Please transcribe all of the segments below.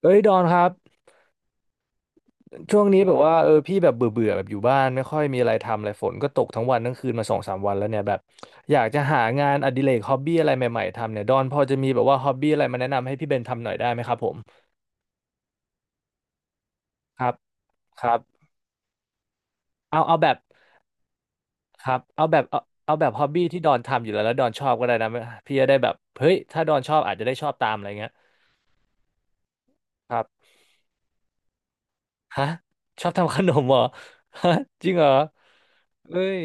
เอ้ยดอนครับช่วงนี้แบบว่าพี่แบบเบื่อเบื่อแบบอยู่บ้านไม่ค่อยมีอะไรทำอะไรฝนก็ตกทั้งวันทั้งคืนมาสองสามวันแล้วเนี่ยแบบอยากจะหางานอดิเรกฮอบบี้อะไรใหม่ๆทำเนี่ยดอนพอจะมีแบบว่าฮอบบี้อะไรมาแนะนำให้พี่เบนทำหน่อยได้ไหมครับผมครับครับเอาแบบครับเอาแบบเอาแบบฮอบบี้ที่ดอนทำอยู่แล้วแล้วดอนชอบก็ได้นะพี่จะได้แบบเฮ้ยถ้าดอนชอบอาจจะได้ชอบตามอะไรเงี้ยครับฮะชอบทำขนมเหรอฮะจริงเหรอเอ้ย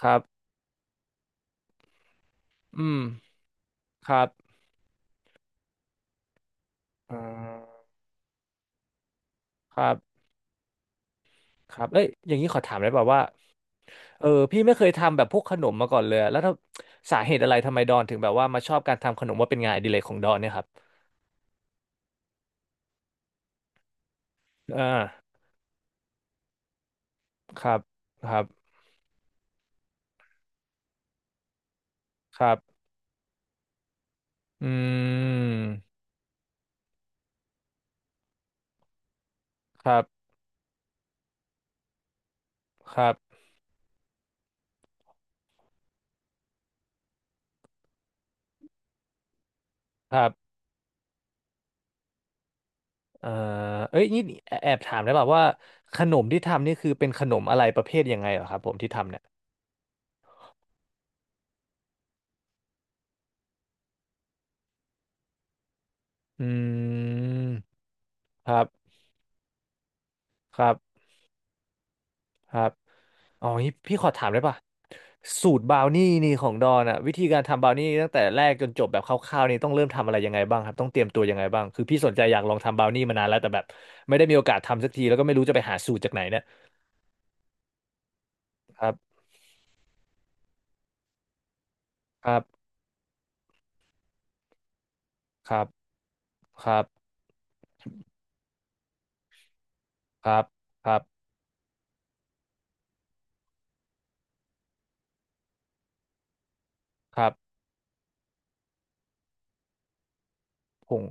ครับอืมครับอ่า ครับครับเอ้ยอย่างนี้ขอถามได้เปล่าว่าพี่ไม่เคยทำแบบพวกขนมมาก่อนเลยอะแล้วถ้าสาเหตุอะไรทำไมดอนถึงแบบว่ามาชอบการทำขนมว่าเป็นงานอดิเรกของดอนเนี่ยครับอ่าครับครับครับอืมครับครับครับเอ่อเอ้ยนี่แอบแอบถามได้เปล่าว่าขนมที่ทำนี่คือเป็นขนมอะไรประเภทยังไงเหรอครับผมที่ทำเนี่ยอืมครับครับครับ อ๋องี้พี่ขอถามได้ป่ะสูตรบราวนี่นี่ของดอนอะวิธีการทำบราวนี่ตั้งแต่แรกจนจบแบบคร่าวๆนี่ต้องเริ่มทำอะไรยังไงบ้างครับต้องเตรียมตัวยังไงบ้างคือพี่สนใจอยากลองทำบราวนี่มานานแล้วแต่แบบไม่ได้มีโอกาสทำสักทีแล้วก็ไม่รู้จะไปหาสูตรจากไหนเนี่ยครับครับครับครับครับครับครับผง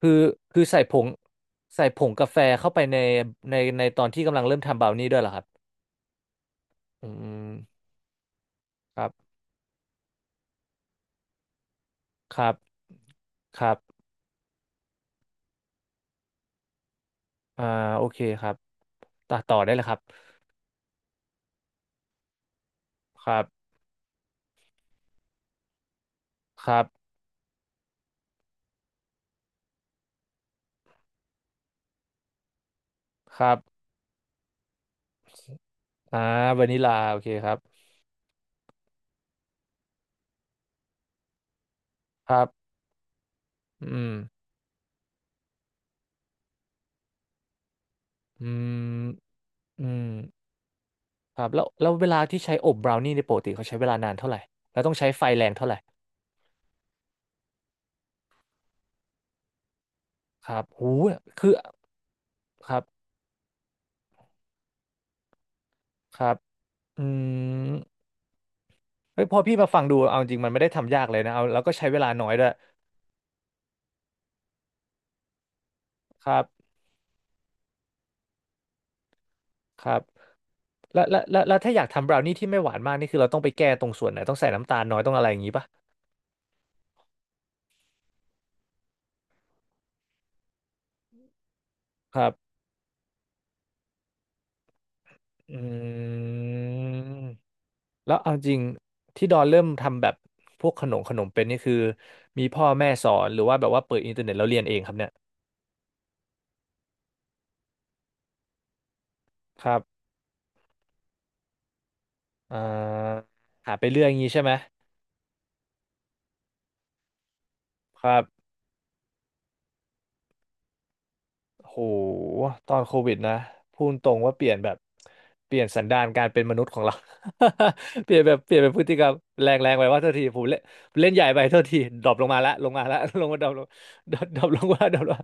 คือคือใส่ผงใส่ผงกาแฟเข้าไปในในตอนที่กำลังเริ่มทำบราวนี่ด้วยเหรอครับอืมครับครับครับอ่าโอเคครับต่อต่อได้เลยครับครับครับ ครับอ่าวานิลาโอเคครับครับอืมอืมอืมครับแล้วแล้วเวลาที่ใช้อบบราวนี่ในยปกติเขาใช้เวลานานเท่าไหร่แล้วต้องใช้ไฟแรงเท่าไหร่ครับหูคือครับครับอืมเฮ้ยพอพี่มาฟังดูเอาจริง มันไม่ได้ทำยากเลยนะเอาแล้วก็ใช้เวลาน้อยด้วยครับครับแล้วถ้าอยากทำบราวนี่ที่ไม่หวานมากนี่คือเราต้องไปแก้ตรงส่วนไหนต้องใส่น้ำตาลน้อยต้องอะไรอย่างงี้ปะครับอืม แล้วเอาจริงที่ดอนเริ่มทำแบบพวกขนมขนมเป็นนี่คือมีพ่อแม่สอนหรือว่าแบบว่าเปิดอินเทอร์เน็ตแล้วเรียนเองครับเนี่ยครับอ่าหาไปเรื่อยอย่างนี้ใช่ไหมครับ โหตอนโควิดนะพูดตรงว่าเปลี่ยนแบบเปลี่ยนสันดานการเป็นมนุษย์ของเรา เปลี่ยนแบบเปลี่ยนเป็นพฤติกรรมแรงแรงไปว่าเท่าทีผมเล่นเล่นใหญ่ไปเท่าทีดรอปลงมาละลงมาละ ลงมาดรอปลง ดรอปลงว่าดรอปลงา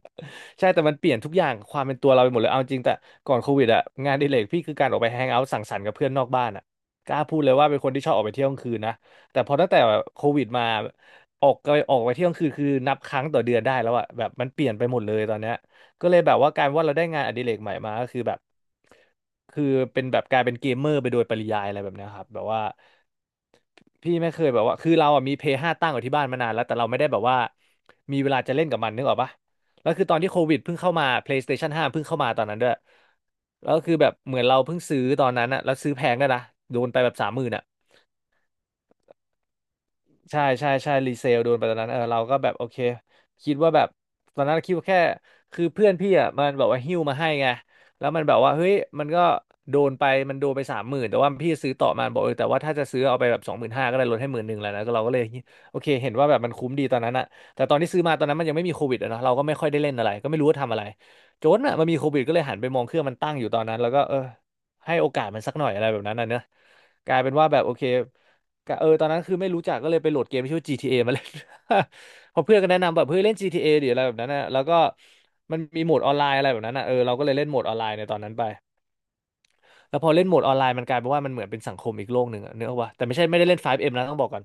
ใช่แต่มันเปลี่ยนทุกอย่างความเป็นตัวเราไปหมดเลยเอาจริงแต่ก่อนโควิดอะงานอดิเรกพี่คือการออกไปแฮงเอาท์สังสรรค์กับเพื่อนนอกบ้านอะกล้าพูดเลยว่าเป็นคนที่ชอบออกไปเที่ยวกลางคืนนะแต่พอตั้งแต่โควิดมาออกไปเที่ยวกลางคืนคือนับครั้งต่อเดือนได้แล้วอะแบบมันเปลี่ยนไปหมดเลยตอนเนี้ย ก็เลยแบบว่ากลารว่าเราได้งานอดิเรกใหม่มาก็คือแบบคือเป็นแบบกลายเป็นเกมเมอร์ไปโดยปริยายอะไรแบบเนี้ยครับแบบว่าพี่ไม่เคยแบบว่าคือเราอ่ะมีเพย์ห้าตั้งอยู่ที่บ้านมานานแล้วแต่เราไม่ได้แบบว่ามีเวลาจะเล่นกับมันนึกออกปะแล้วคือตอนที่โควิดเพิ่งเข้ามา PlayStation 5เพิ่งเข้ามาตอนนั้นด้วยแล้วคือแบบเหมือนเราเพิ่งซื้อตอนนั้นอะแล้วซื้อแพงด้วยนะโดนไปแบบสามหมื่นอะ ใช่ใช่ใช่รีเซลโดนไปตอนนั้นเออเราก็แบบโอเคคิดว่าแบบตอนนั้นคิดว่าแค่คือเพื่อนพี่อ่ะมันแบบว่าหิ้วมาให้ไงแล้วมันแบบว่าเฮ้ยมันก็โดนไปมันโดนไป30,000แต่ว่าพี่ซื้อต่อมาบอกเออแต่ว่าถ้าจะซื้อเอาไปแบบ25,000ก็ได้ลดให้หมื่นหนึ่งแล้วนะก็เราก็เลยโอเคเห็นว่าแบบมันคุ้มดีตอนนั้นอะแต่ตอนที่ซื้อมาตอนนั้นมันยังไม่มีโควิดอะเนาะเราก็ไม่ค่อยได้เล่นอะไรก็ไม่รู้ว่าทำอะไรจนอะมันมีโควิดก็เลยหันไปมองเครื่องมันตั้งอยู่ตอนนั้นแล้วก็เออให้โอกาสมันสักหน่อยอะไรแบบนั้นนะเนอะกลายเป็นว่าแบบโอเค กะเออตอนนั้นคือไม่รู้จักก็เลยไปโหลดเกมที่ชื่อว่า GTA มาเล่น เพอเพื่อนก็แนะนำแบบเฮ้ยเล่น GTA ดิอะไรแบบนั้นนะแล้วก็มันมีโหมดออนไลน์อะไรแบบนั้นนะเออเราก็เลยเล่นโหมดออนไลน์ในตอนนั้นไป แล้วพอเล่นโหมดออนไลน์มันกลายเป็นว่ามันเหมือนเป็นสังคมอีกโลกหนึ่งอะเนื้ออกปะแต่ไม่ใช่ไม่ได้เล่น 5M นะต้องบอกก่อน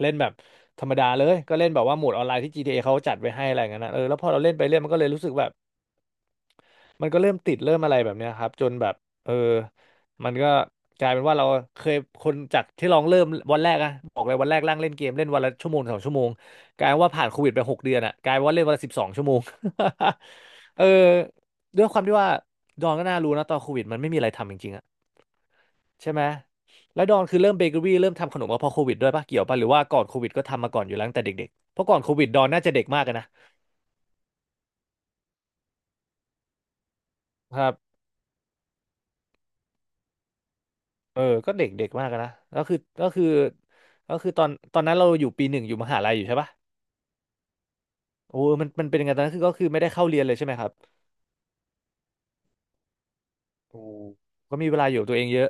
เล่นแบบธรรมดาเลยก็เล่นแบบว่าโหมดออนไลน์ที่ GTA เอเขาจัดไว้ให้อะไรอย่างนั้นนะเออแล้วพอเราเล่นไปเล่นก็เลยรู้สึกแบบ มันก็เริ่มติดเริ่มอะไรแบบเนี้ยครับจนแบบเออมันก็กลายเป็นว่าเราเคยคนจากที่ลองเริ่มวันแรกอะบอกเลยวันแรกร่างเล่นเกมเล่นวันละชั่วโมงสองชั่วโมงกลายเป็นว่าผ่านโควิดไป6 เดือนอะกลายเป็นว่าเล่นวันละ12 ชั่วโมง เออด้วยความที่ว่าดอนก็น่ารู้นะตอนโควิดมันไม่มีอะไรทำจริงๆอะใช่ไหมแล้วดอนคือเริ่มเบเกอรี่เริ่มทำขนมมาพอโควิดด้วยปะเกี่ยวปะหรือว่าก่อนโควิดก็ทำมาก่อนอยู่แล้วตั้งแต่เด็กๆเพราะก่อนโควิดดอนน่าจะเด็กมากอะนะครับ เออก็เด็กเด็กมากอะนะก็คือก็คือก็คือตอนตอนนั้นเราอยู่ปีหนึ่งอยู่มหาลัยอยู่ใช่ปะโอ้มันมันเป็นยังไงตอนนั้นคือก็คือไม่ได้เข้าเรียนเลยใช่ไหมครับโอ้ก็มีเวลาอยู่กับตัวเองเยอะ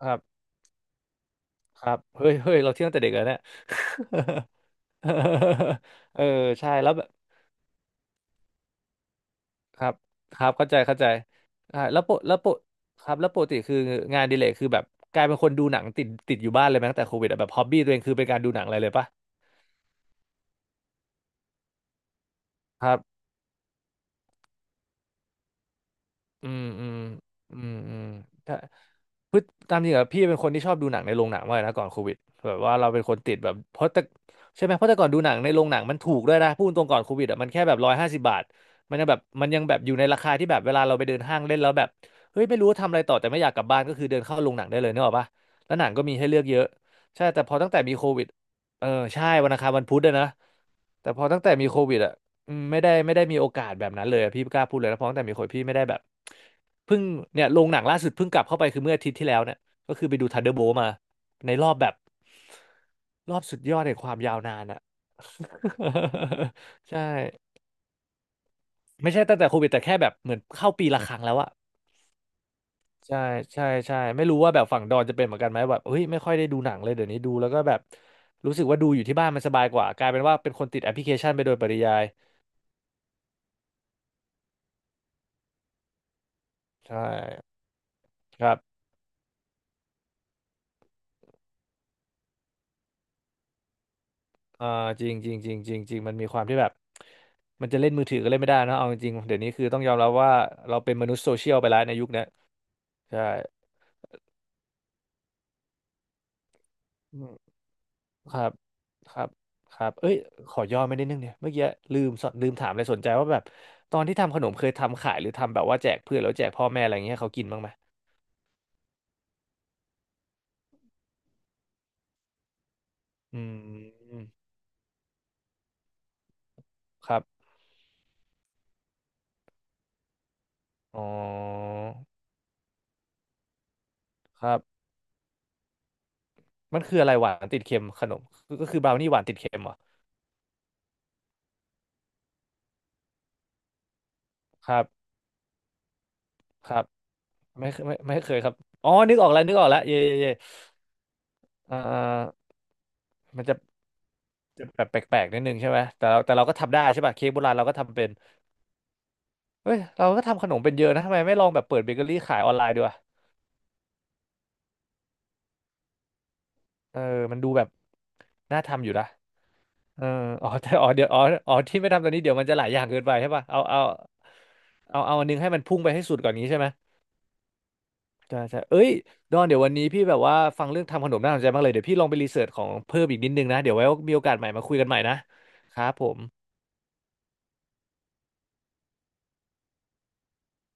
ครับครับเฮ้ยเฮ้ยเราเที่ยวตั้งแต่เด็กแล้วเนี่ย เออใช่แล้วแบบครับครับเข้าใจเข้าใจอ่าแล้วโปกแล้วโปะครับแล้วปกติคืองานอดิเลกคือแบบกลายเป็นคนดูหนังติดติดอยู่บ้านเลยไหมตั้งแต่โควิดอะแบบฮอบบี้ตัวเองคือเป็นการดูหนังอะไรเลยปะครับ อืมอืมอืมอืมถ้าพฤติตามจริงอะพี่เป็นคนที่ชอบดูหนังในโรงหนังมากเลยนะก่อนโควิดแบบว่าเราเป็นคนติดแบบเพราะแต่ใช่ไหมเพราะแต่ก่อนดูหนังในโรงหนังมันถูกด้วยนะพูดตรงก่อนโควิดอะมันแค่แบบ150 บาทมันยังแบบมันยังแบบอยู่ในราคาที่แบบเวลาเราไปเดินห้างเล่นแล้วแบบเฮ้ยไม่รู้ว่าทำอะไรต่อแต่ไม่อยากกลับบ้านก็คือเดินเข้าโรงหนังได้เลยเนกอะปะแล้วหนังก็มีให้เลือกเยอะใช่แต่พอตั้งแต่มีโควิดเออใช่วันอังคารวันพุธด้วยนะแต่พอตั้งแต่มีโควิดอะ อืมไม่ได้ไม่ได้มีโอกาสแบบนั้นเลยอะพี่กล้าพูดเลยนะเพราะตั้งแต่มีคนพี่ไม่ได้แบบเพิ่งเนี่ยโรงหนังล่าสุดเพิ่งกลับเข้าไปคือเมื่ออาทิตย์ที่แล้วเนี่ยก็คือไปดู Thunderbolt มาในรอบแบบรอบสุดยอดแห่งความยาวนานอะ ใช่ไม่ใช่ตั้งแต่โควิดแต่แค่แบบเหมือนเข้าปีละครั้งแล้วอะใช่ใช่ใช่ไม่รู้ว่าแบบฝั่งดอนจะเป็นเหมือนกันไหมแบบเฮ้ยไม่ค่อยได้ดูหนังเลยเดี๋ยวนี้ดูแล้วก็แบบรู้สึกว่าดูอยู่ที่บ้านมันสบายกว่ากลายเป็นว่าเป็นคนติดแอปพลิเคชันไปโดยปริยายใช่ครับ อ่าจริงจริงจริงจริงจริงมันมีความที่แบบมันจะเล่นมือถือก็เล่นไม่ได้นะเอาจริงๆเดี๋ยวนี้คือต้องยอมรับว่าเราเป็นมนุษย์โซเชียลไปแล้วในยุคเนี้ยใช่อืมครับครับครับเอ้ยขอย่อไม่ได้นดนึงเนี่ยเมื่อกี้ลืมสลืมถามเลยสนใจว่าแบบตอนที่ทำขนมเคยทำขายหรือทำแบบว่าแจกเพื่อนแล้วแจกพ่อแม่อะไรอย่างเงี้ยให้เขากินบ้างไหมอืมครับอ๋อครับมันคืออะไรหวานติดเค็มขนมก็ก็คือบราวนี่หวานติดเค็มเหรอครับครับไม่เคยไม่ไม่เคยครับอ๋อนึกออกแล้วนึกออกแล้วเย่เย่เย่ เอ่อมันจะแบบแปลกๆนิดนึงใช่ไหมแต่เราแต่เราก็ทำได้ใช่ป่ะเค้กโบราณเราก็ทำเป็นเฮ้ยเราก็ทำขนมเป็นเยอะนะทำไมไม่ลองแบบเปิดเบเกอรี่ขายออนไลน์ดีวะเออมันดูแบบน่าทำอยู่นะเอออ๋อแต่อ๋อเดี๋ยวอ๋ออ๋อที่ไม่ทำตอนนี้เดี๋ยวมันจะหลายอย่างเกินไปใช่ป่ะเอาเอาเอาอันนึงให้มันพุ่งไปให้สุดก่อนนี้ใช่ไหมใช่ใช่เอ้ยดอนเดี๋ยววันนี้พี่แบบว่าฟังเรื่องทำขนมน่าสนใจมากเลยเดี๋ยวพี่ลองไปรีเสิร์ชของเพิ่มอีกนิดนึงนะเดี๋ยวไว้มีโอกาสใหม่มาคุยกันใหม่นะครับผม